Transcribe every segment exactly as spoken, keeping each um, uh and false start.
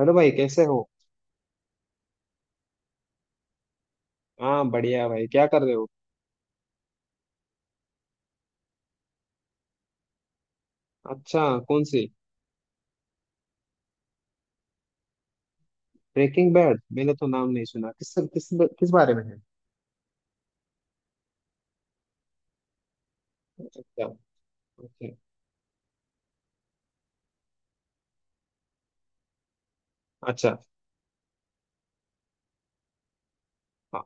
Hello भाई, कैसे हो। हाँ, बढ़िया भाई, क्या कर रहे हो। अच्छा। कौन सी। ब्रेकिंग बैड, मैंने तो नाम नहीं सुना। किस किस किस बारे में है। अच्छा। ओके। अच्छा। हाँ।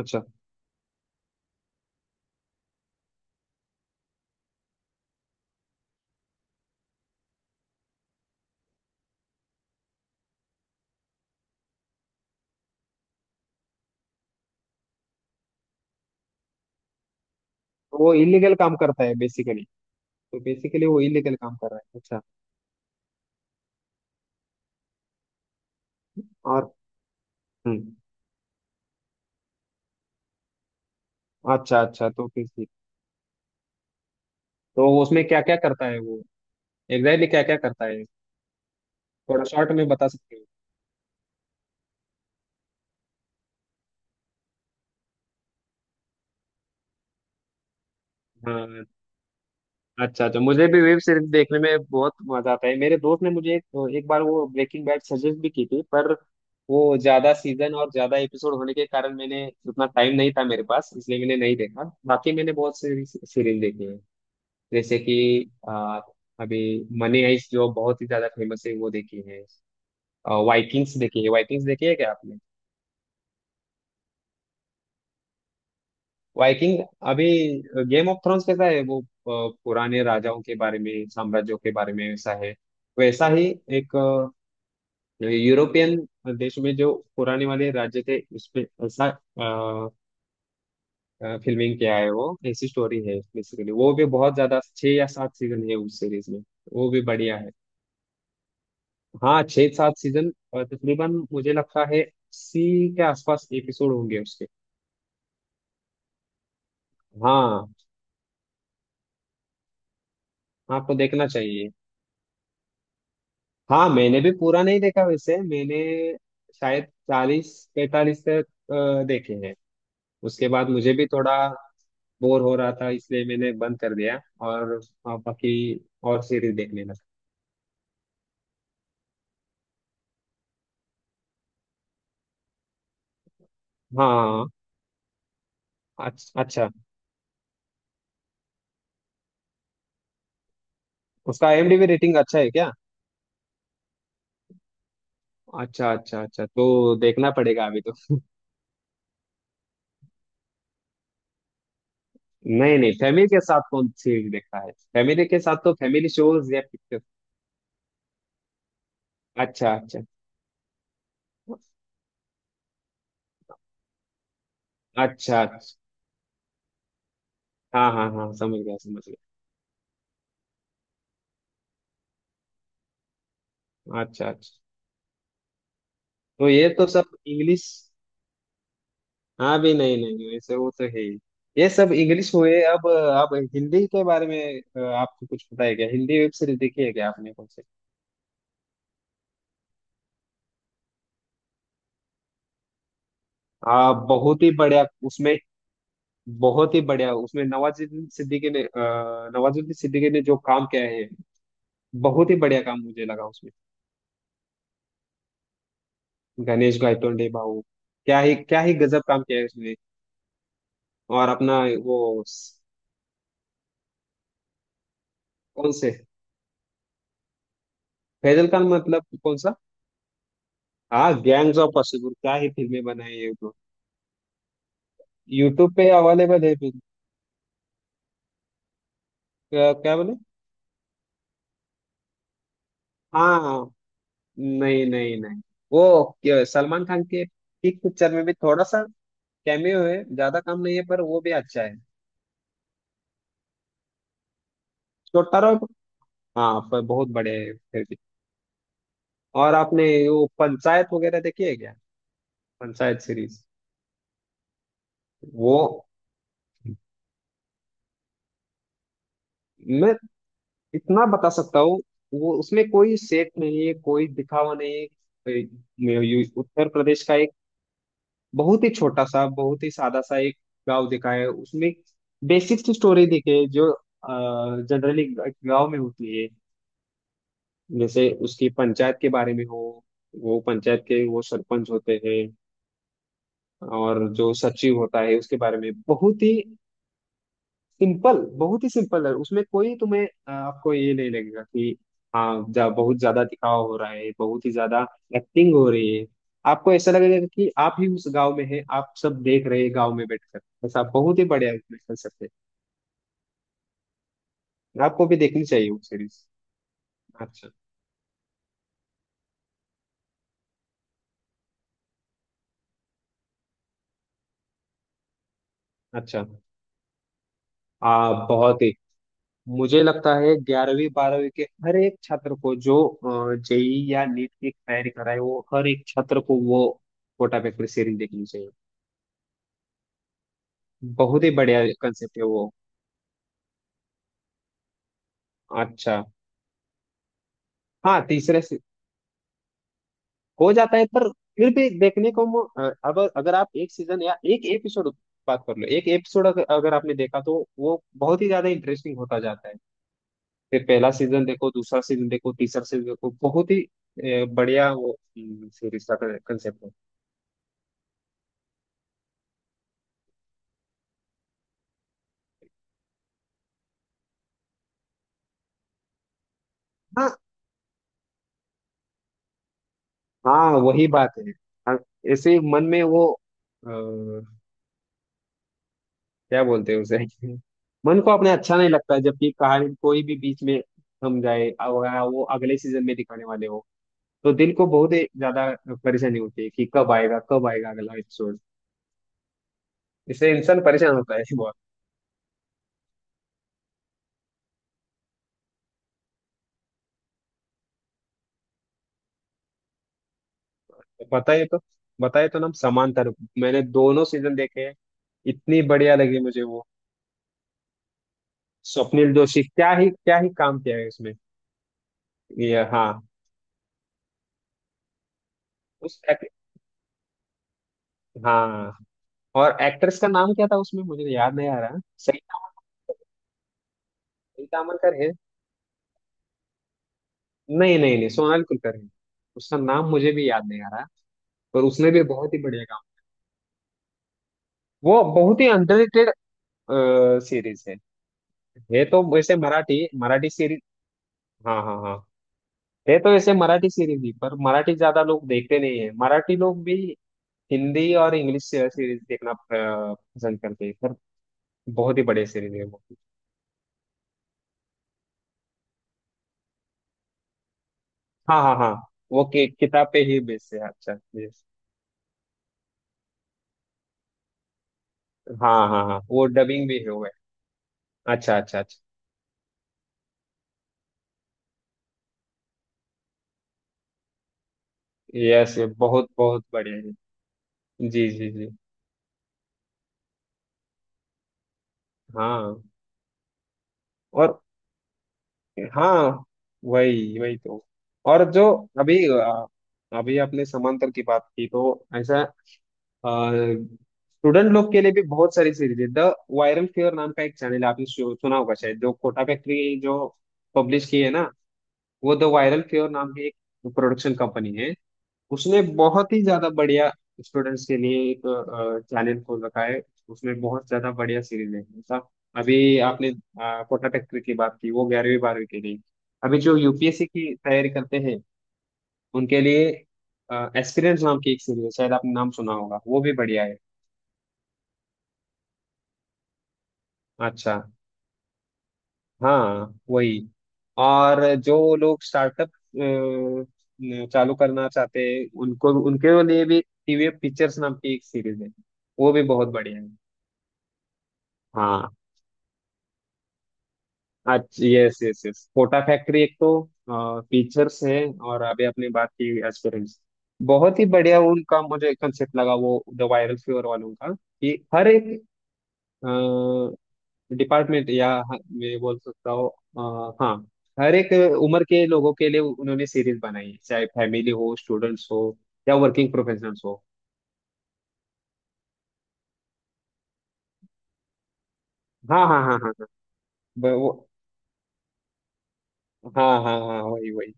अच्छा, तो वो इलीगल काम करता है बेसिकली। तो बेसिकली वो इलीगल काम कर रहा है। अच्छा। और। हम्म। अच्छा अच्छा, तो फिर ठीक। तो उसमें क्या क्या करता है वो। एग्जैक्टली क्या क्या करता है। थोड़ा शॉर्ट में बता सकते हो। हाँ। अच्छा अच्छा, मुझे भी वेब सीरीज देखने में बहुत मजा आता है। मेरे दोस्त ने मुझे एक, एक बार वो ब्रेकिंग बैड सजेस्ट भी की थी, पर वो ज्यादा सीजन और ज्यादा एपिसोड होने के कारण मैंने उतना, टाइम नहीं था मेरे पास, इसलिए मैंने नहीं देखा। बाकी मैंने बहुत सीरीज सीरीज देखी है। जैसे कि आ, अभी मनी हाइस्ट, जो बहुत ही ज्यादा फेमस है, वो देखी है। वाइकिंग्स देखी है। वाइकिंग्स देखी है क्या आपने। वाइकिंग। अभी गेम ऑफ थ्रोन्स कैसा है वो, अ, पुराने राजाओं के बारे में, साम्राज्यों के बारे में वैसा है। वैसा ही एक यूरोपियन देश में जो पुराने वाले राज्य थे उसपे ऐसा फिल्मिंग किया है, वो ऐसी स्टोरी है बेसिकली। वो भी बहुत ज्यादा, छह या सात सीजन है उस सीरीज में। वो भी बढ़िया है। हाँ, छह सात सीजन। और तकरीबन मुझे लगता है अस्सी के आसपास एपिसोड होंगे उसके। हाँ। आपको देखना चाहिए। हाँ, मैंने भी पूरा नहीं देखा वैसे। मैंने शायद चालीस पैंतालीस तक अ, देखे हैं। उसके बाद मुझे भी थोड़ा बोर हो रहा था, इसलिए मैंने बंद कर दिया। और हाँ, बाकी और सीरीज देखने लगा। हाँ। अच्छा अच्छा। उसका IMDb रेटिंग अच्छा है क्या। अच्छा अच्छा अच्छा, तो देखना पड़ेगा अभी तो। नहीं नहीं, फैमिली के साथ कौन सीरीज देखता है। फैमिली के साथ तो फैमिली शोज या पिक्चर। अच्छा अच्छा। अच्छा अच्छा। हाँ हाँ हाँ, समझ गया समझ गया। अच्छा अच्छा, तो ये तो सब इंग्लिश। हाँ भी, नहीं नहीं, वैसे वो तो है ही। ये सब इंग्लिश हुए। अब अब हिंदी के बारे में अ, आपको कुछ पता है क्या। हिंदी वेब सीरीज देखी है क्या आपने, कौन से। आ, बहुत ही बढ़िया उसमें। बहुत ही बढ़िया उसमें नवाजुद्दीन सिद्दीकी ने अ, नवाजुद्दीन सिद्दीकी ने जो काम किया है, बहुत ही बढ़िया काम मुझे लगा उसमें। गणेश गायतोंडे भाऊ, क्या ही क्या ही गजब काम किया है उसने। और अपना वो स- कौन से। फैजल खान मतलब कौन सा। हाँ, गैंग्स ऑफ वासेपुर, क्या ही फिल्में बनाई है वो। यूट्यूब पे अवेलेबल है। क्या, क्या बोले। हाँ। नहीं नहीं नहीं, वो क्या- सलमान खान के पीक पिक्चर में भी थोड़ा सा कैमियो है, ज्यादा काम नहीं है, पर वो भी अच्छा है। छोटा रहो। हाँ, पर बहुत बड़े हैं फिर भी। और आपने वो पंचायत वगैरह देखी है क्या। पंचायत सीरीज, वो मैं इतना बता सकता हूँ। वो उसमें कोई सेट नहीं है, कोई दिखावा नहीं है। ये- ये उत्तर प्रदेश का बहुत ही छोटा सा, बहुत ही सादा सा एक गांव दिखाया है उसमें। बेसिक सी स्टोरी दिखे जो जनरली गांव में होती है। जैसे उसकी पंचायत के बारे में हो, वो पंचायत के वो सरपंच होते हैं, और जो सचिव होता है उसके बारे में। बहुत ही सिंपल, बहुत ही सिंपल है उसमें। कोई तुम्हें अ, आपको ये नहीं लगेगा कि हाँ जा, बहुत ज्यादा दिखावा हो रहा है, बहुत ही ज्यादा एक्टिंग हो रही है। आपको ऐसा लगेगा कि आप ही उस गांव में हैं, आप सब देख रहे हैं गांव में बैठकर। ऐसा बहुत ही बढ़िया उसमें कंसेप्ट है। आपको भी देखनी चाहिए वो सीरीज। अच्छा अच्छा। आ, बहुत ही, मुझे लगता है ग्यारहवीं बारहवीं के हर एक छात्र को, जो जेई या नीट की तैयारी कर रहा है, वो हर एक छात्र को वो कोटा पेपर सीरीज देखनी चाहिए। बहुत ही बढ़िया कंसेप्ट है वो। अच्छा। हाँ, तीसरे से हो जाता है, पर फिर भी देखने को मो- अ, अब अगर आप एक सीजन या एक एपिसोड, बात कर लो एक एपिसोड, अगर अगर आपने देखा तो वो बहुत ही ज्यादा इंटरेस्टिंग होता जाता है। फिर पहला सीजन देखो, दूसरा सीजन देखो, तीसरा सीजन देखो, बहुत ही अ, बढ़िया वो सीरीज का कंसेप्ट है। हाँ हाँ, वही बात है। हाँ, ऐसे ही मन में वो क्या बोलते हैं उसे। मन को अपने अच्छा नहीं लगता है, जबकि कहानी कोई भी बीच में थम जाए और वो अगले सीजन में दिखाने वाले हो, तो दिल को बहुत ही ज्यादा परेशानी होती है कि कब आएगा कब आएगा अगला एपिसोड। इससे इंसान परेशान होता है बहुत। बताइए तो। बताइए तो ना। समांतर, मैंने दोनों सीजन देखे हैं। इतनी बढ़िया लगी मुझे वो। स्वप्निल जोशी, क्या ही क्या ही काम किया है उसमें। ये, हाँ। उस एक, हाँ। और एक्ट्रेस का नाम क्या था उसमें, मुझे याद नहीं आ रहा। सही तामल, सही तामल। नहीं नहीं नहीं, सोनाल कुलकर्णी। उसका नाम मुझे भी याद नहीं आ रहा। पर उसने भी बहुत ही बढ़िया काम। वो बहुत ही अंडररेटेड सीरीज है। है तो वैसे मराठी, मराठी सीरीज। हाँ हाँ हाँ। है तो वैसे मराठी सीरीज ही, पर मराठी ज्यादा लोग देखते नहीं है। मराठी लोग भी हिंदी और इंग्लिश सीरीज देखना अ, पसंद करते हैं, पर बहुत ही बढ़िया सीरीज है वो। हाँ हाँ हाँ, वो कि, किताब पे ही बेस है। अच्छा yes। हाँ हाँ हाँ, वो डबिंग भी हुआ है। अच्छा अच्छा अच्छा। यस, बहुत बहुत बढ़िया है। जी जी जी। हाँ। और हाँ, वही वही तो। और जो अभी अ, अभी आपने समांतर की बात की, तो ऐसा स्टूडेंट लोग के लिए भी बहुत सारी सीरीज है। द वायरल फीवर नाम का एक चैनल है, आपने सु- सुना होगा शायद, जो कोटा फैक्ट्री जो पब्लिश की है ना, वो द वायरल फीवर नाम की एक प्रोडक्शन कंपनी है। उसने बहुत ही ज्यादा बढ़िया, स्टूडेंट्स के लिए एक चैनल खोल रखा है। उसमें बहुत ज्यादा बढ़िया सीरीज है। मतलब अभी आपने अ, कोटा फैक्ट्री की बात की, वो ग्यारहवीं बारहवीं के लिए। अभी जो यूपीएससी की तैयारी करते हैं उनके लिए एक्सपीरियंस नाम की एक सीरीज है, शायद आपने नाम सुना होगा, वो भी बढ़िया है। अच्छा। हाँ, वही। और जो लोग स्टार्टअप चालू करना चाहते हैं उनको, उनके लिए भी टीवीएफ पिक्चर्स नाम की एक सीरीज है, वो भी बहुत बढ़िया है। हाँ। अच्छा, yes yes yes, Kota factory एक तो फीचर्स है। और अभी आपने बात की एस्पिरेंट्स, बहुत ही बढ़िया उनका मुझे कंसेप्ट लगा वो द वायरल फीवर वालों का, कि हर एक डिपार्टमेंट या ह- मैं बोल सकता हूँ अ, हाँ, हर एक उम्र के लोगों के लिए उन्होंने सीरीज बनाई है, चाहे फैमिली हो, स्टूडेंट्स हो, या वर्किंग प्रोफेशनल्स हो। हाँ हाँ हाँ हाँ हाँ। ब- वो, हाँ हाँ हाँ, वही वही।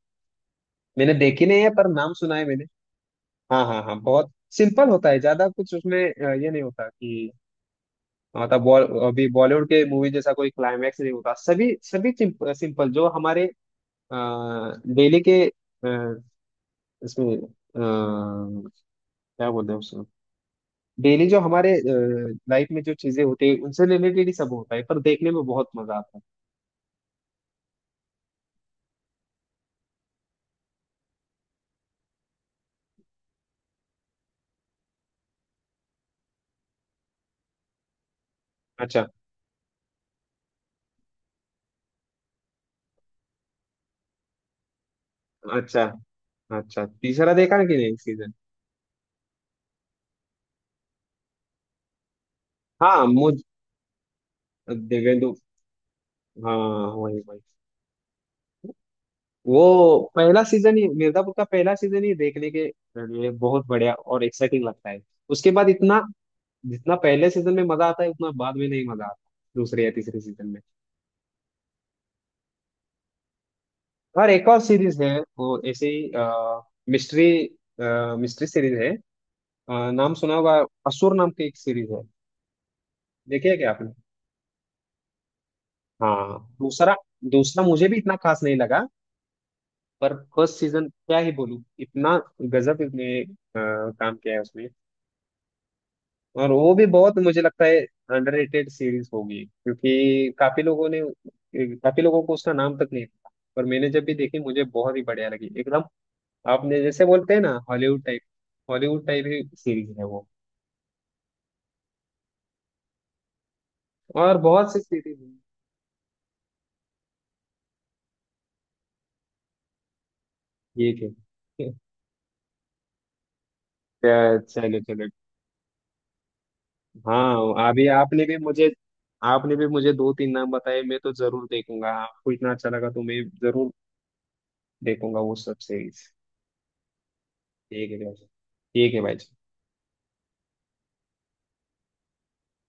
मैंने देखी नहीं है, पर नाम सुना है मैंने। हाँ हाँ हाँ, बहुत सिंपल होता है। ज्यादा कुछ उसमें अ, ये नहीं होता कि मतलब बॉल अभी बॉलीवुड के मूवी जैसा कोई क्लाइमैक्स नहीं होता। सभी सभी सिंपल जो हमारे डेली के अ, इसमें अ, क्या बोलते हैं उसको, डेली जो हमारे लाइफ में जो चीजें होती है उनसे रिलेटेड ही सब होता है, पर देखने में बहुत मजा आता है। अच्छा। अच्छा अच्छा, तीसरा देखा कि नहीं सीजन। हाँ, मुझ देवेंदु, हाँ, वही वही। वो पहला सीजन ही, मिर्जापुर का पहला सीजन ही देखने के लिए बहुत बढ़िया और एक्साइटिंग लगता है। उसके बाद इतना, जितना पहले सीजन में मजा आता है उतना बाद में नहीं मजा आता, दूसरे या तीसरे सीजन में। और एक और सीरीज है वो ऐसे ही मिस्ट्री, मिस्ट्री सीरीज है, अ, नाम सुना होगा, असुर नाम की एक सीरीज है। देखी है क्या आपने। हाँ, दूसरा, दूसरा मुझे भी इतना खास नहीं लगा, पर फर्स्ट सीजन क्या ही बोलूं, इतना गजब इसने अ, काम किया है उसमें। और वो भी बहुत मुझे लगता है अंडररेटेड सीरीज होगी, क्योंकि काफी लोगों ने, काफी लोगों को उसका नाम तक नहीं था। पर मैंने जब भी देखी मुझे बहुत ही बढ़िया लगी एकदम। आपने जैसे बोलते हैं ना, हॉलीवुड टाइप, हॉलीवुड टाइप ही सीरीज है वो। और बहुत सी सीरीज है। ये थे। अ, चलो चलो। हाँ, अभी आपने भी मुझे, आपने भी मुझे दो तीन नाम बताए, मैं तो जरूर देखूंगा। आपको इतना अच्छा लगा तो मैं जरूर देखूंगा वो सब सीरीज। ठीक है भाई, ठीक है भाई।